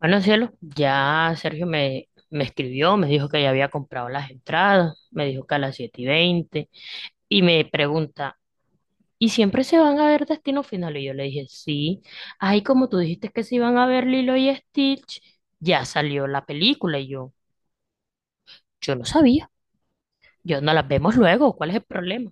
Bueno, cielo, ya Sergio me escribió, me dijo que ya había comprado las entradas, me dijo que a las 7:20 y me pregunta, ¿y siempre se van a ver Destino Final? Y yo le dije, sí. Ay, como tú dijiste que se iban a ver Lilo y Stitch, ya salió la película. Y yo no sabía, yo no las vemos luego, ¿cuál es el problema?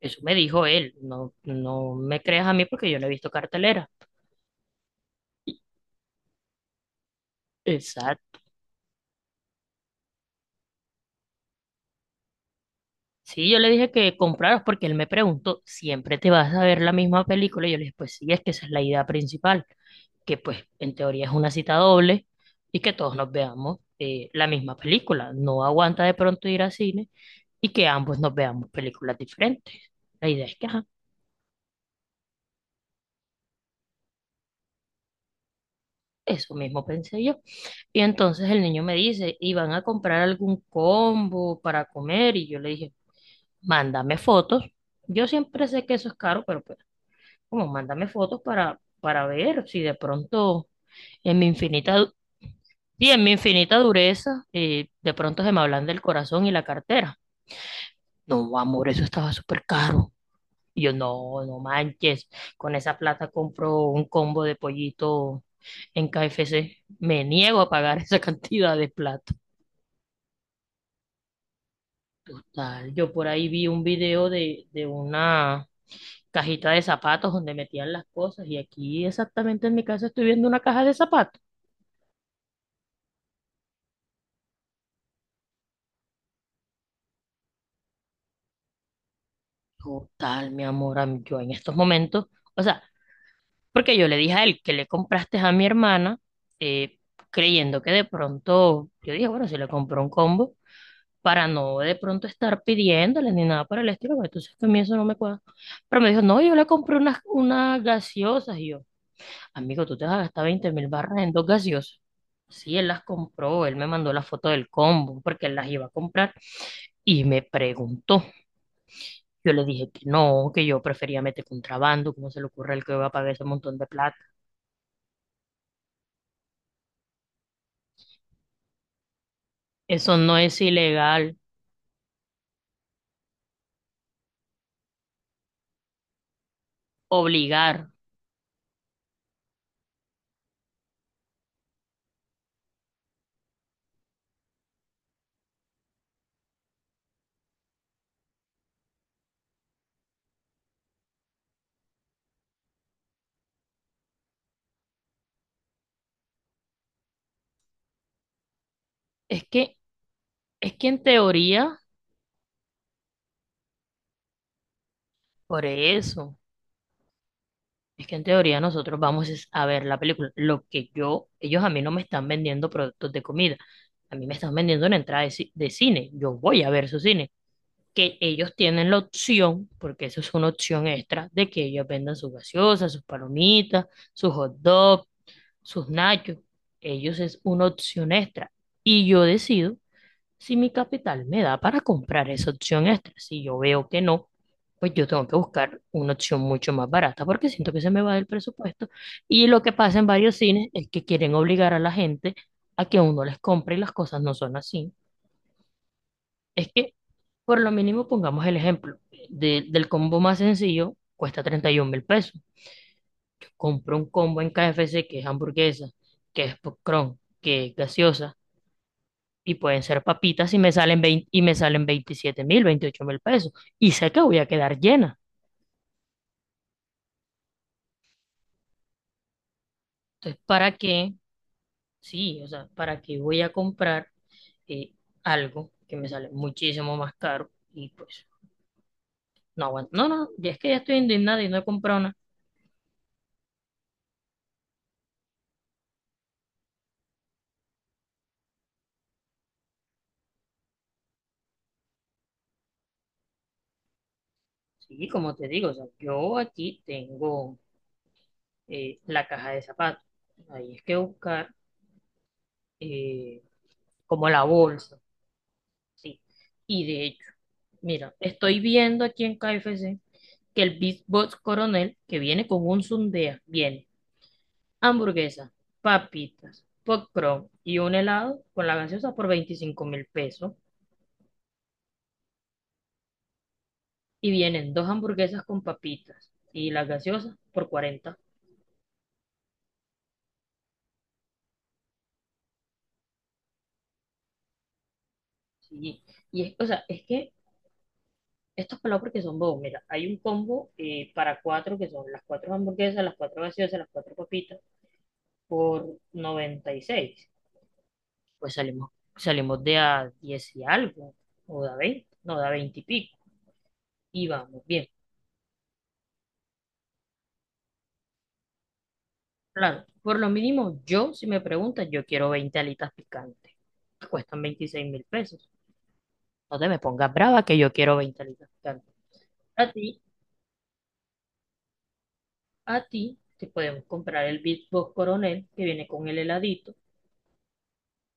Eso me dijo él, no, no me creas a mí porque yo no he visto cartelera. Sí, yo le dije que compraras porque él me preguntó, ¿siempre te vas a ver la misma película? Y yo le dije, pues sí, es que esa es la idea principal, que pues en teoría es una cita doble y que todos nos veamos la misma película. No aguanta de pronto ir al cine y que ambos nos veamos películas diferentes. La idea es que, ajá, eso mismo pensé yo. Y entonces el niño me dice, ¿y van a comprar algún combo para comer? Y yo le dije, mándame fotos. Yo siempre sé que eso es caro, pero pues como, mándame fotos para ver si de pronto en mi infinita, du- sí, en mi infinita dureza, de pronto se me hablan del corazón y la cartera. No, amor, eso estaba súper caro. Y yo, no, no manches, con esa plata compro un combo de pollito en KFC. Me niego a pagar esa cantidad de plata. Total, yo por ahí vi un video de una cajita de zapatos donde metían las cosas y aquí exactamente en mi casa estoy viendo una caja de zapatos. Total, mi amor, yo en estos momentos, o sea, porque yo le dije a él que le compraste a mi hermana, eh, creyendo que de pronto, yo dije, bueno, si le compró un combo, para no de pronto estar pidiéndole ni nada por el estilo, porque entonces a mí eso no me cuadra. Pero me dijo, no, yo le compré unas gaseosas, y yo, amigo, tú te vas a gastar 20 mil barras en dos gaseosas. Sí, él las compró, él me mandó la foto del combo, porque él las iba a comprar, y me preguntó. Yo le dije que no, que yo prefería meter contrabando, ¿cómo se le ocurre al que va a pagar ese montón de plata? Eso no es ilegal, obligar. Es que, es que en teoría, por eso, es que en teoría nosotros vamos es a ver la película. Lo que yo, ellos a mí no me están vendiendo productos de comida, a mí me están vendiendo una entrada de cine. Yo voy a ver su cine. Que ellos tienen la opción, porque eso es una opción extra, de que ellos vendan sus gaseosas, sus palomitas, sus hot dogs, sus nachos. Ellos es una opción extra. Y yo decido si mi capital me da para comprar esa opción extra. Si yo veo que no, pues yo tengo que buscar una opción mucho más barata porque siento que se me va del presupuesto. Y lo que pasa en varios cines es que quieren obligar a la gente a que uno les compre, y las cosas no son así. Es que, por lo mínimo, pongamos el ejemplo del combo más sencillo, cuesta 31 mil pesos. Compro un combo en KFC que es hamburguesa, que es popcorn, que es gaseosa, y pueden ser papitas y me salen 27.000, 28.000 pesos. Y sé que voy a quedar llena. Entonces, ¿para qué? Sí, o sea, ¿para qué voy a comprar eh, algo que me sale muchísimo más caro? Y pues, no aguanto. No, no, ya es que ya estoy indignada y no he comprado nada. Sí, como te digo, o sea, yo aquí tengo la caja de zapatos. Ahí es que buscar eh, como la bolsa. Sí. Y de hecho, mira, estoy viendo aquí en KFC que el Big Boss Coronel, que viene con un sundea, viene hamburguesa, papitas, popcorn y un helado con la gaseosa por 25.000 pesos. Y vienen dos hamburguesas con papitas y las gaseosas por 40. Sí. Y es, o sea, es que estos pelados porque son bobos. Mira, hay un combo para cuatro que son las cuatro hamburguesas, las cuatro gaseosas, las cuatro papitas por 96. Pues salimos, salimos de a 10 y algo, o de a 20, no, de a 20 y pico, y vamos bien. Claro, por lo mínimo, yo, si me preguntas, yo quiero 20 alitas picantes, que cuestan 26.000 pesos. No te me pongas brava que yo quiero 20 alitas picantes. A ti, a ti, te podemos comprar el Big Box Coronel, que viene con el heladito,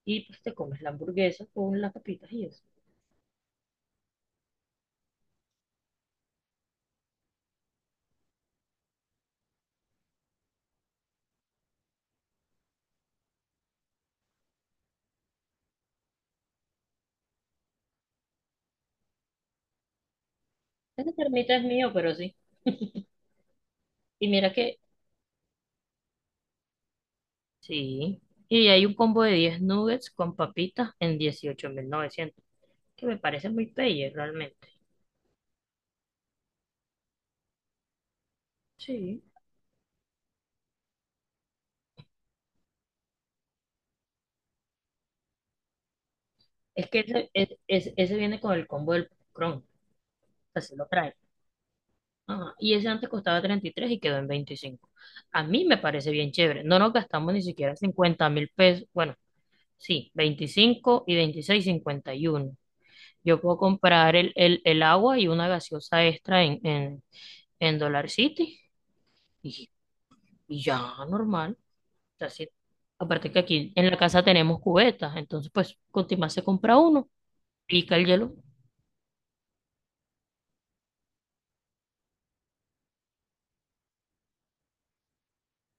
y pues te comes la hamburguesa con las papitas y eso. Ese termita es mío, pero sí. Y mira que, sí. Y hay un combo de 10 nuggets con papitas en 18.900 que me parece muy player realmente. Sí. Es que ese, ese viene con el combo del Chrome, así lo trae. Ajá. Y ese antes costaba 33 y quedó en 25. A mí me parece bien chévere. No nos gastamos ni siquiera 50.000 pesos. Bueno, sí, 25 y 26, 51 Yo puedo comprar el agua y una gaseosa extra en Dollar City y, y ya, normal. O sea, sí. Aparte que aquí en la casa tenemos cubetas, entonces pues con Timás se compra uno, pica el hielo.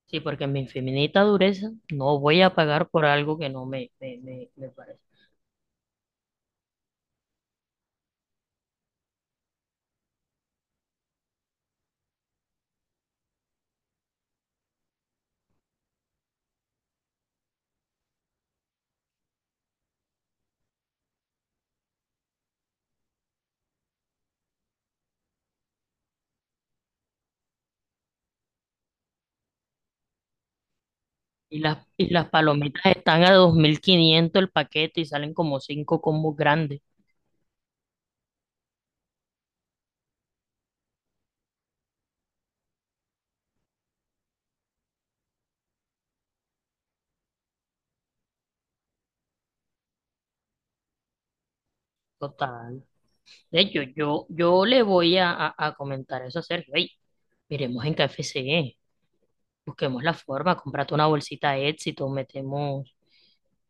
Sí, porque en mi infinita dureza no voy a pagar por algo que no me parece. Y las palomitas están a 2.500 el paquete y salen como cinco combos grandes. Total. De hecho, yo le voy a comentar eso a Sergio. Ey, miremos en K F C E, busquemos la forma, comprate una bolsita de éxito, metemos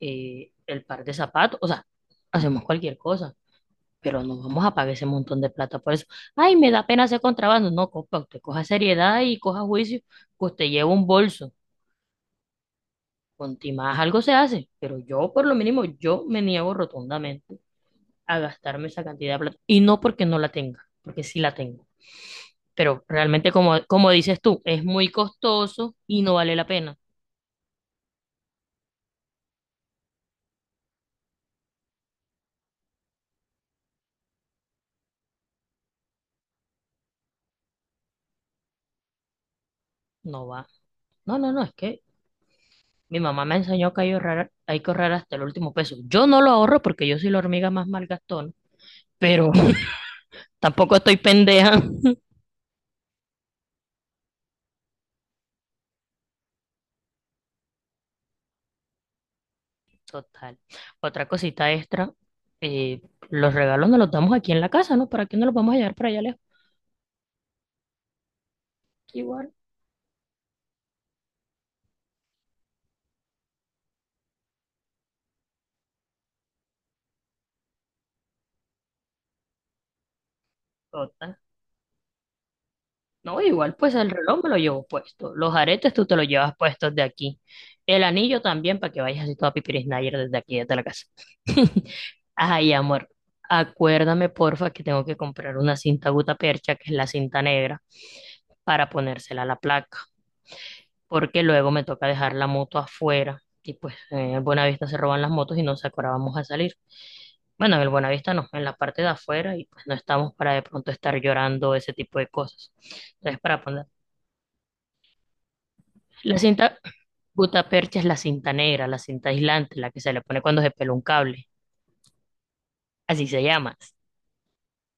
el par de zapatos, o sea, hacemos cualquier cosa, pero no vamos a pagar ese montón de plata por eso. Ay, me da pena hacer contrabando. No, compa, usted coja seriedad y coja juicio, que usted lleva un bolso. Con más algo se hace, pero yo, por lo mínimo, yo me niego rotundamente a gastarme esa cantidad de plata. Y no porque no la tenga, porque sí la tengo. Pero realmente, como, como dices tú, es muy costoso y no vale la pena. No va. No, no, no, es que mi mamá me enseñó que hay que ahorrar hasta el último peso. Yo no lo ahorro porque yo soy la hormiga más malgastona, pero tampoco estoy pendeja. Total. Otra cosita extra, eh, los regalos nos los damos aquí en la casa, ¿no? ¿Para qué no los vamos a llevar para allá lejos? Igual. Total. No, igual, pues el reloj me lo llevo puesto. Los aretes tú te los llevas puestos de aquí. El anillo también, para que vayas así toda pipiris Nayer desde aquí, desde la casa. Ay, amor, acuérdame, porfa, que tengo que comprar una cinta gutapercha, que es la cinta negra, para ponérsela a la placa, porque luego me toca dejar la moto afuera y pues en Buenavista se roban las motos y nos acordábamos a salir. Bueno, en el Buenavista no, en la parte de afuera y pues no estamos para de pronto estar llorando ese tipo de cosas. Entonces, para poner la cinta gutapercha, es la cinta negra, la cinta aislante, la que se le pone cuando se pela un cable, así se llama,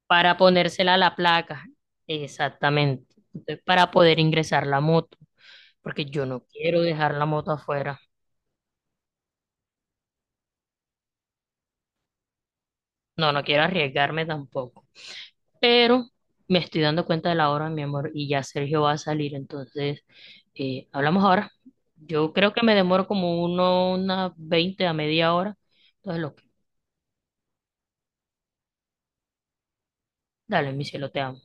para ponérsela a la placa, exactamente. Entonces, para poder ingresar la moto, porque yo no quiero dejar la moto afuera, no, no quiero arriesgarme tampoco. Pero me estoy dando cuenta de la hora, mi amor, y ya Sergio va a salir, entonces hablamos ahora. Yo creo que me demoro como uno, una 20 a media hora. Entonces, lo que, dale, mi cielo, te amo.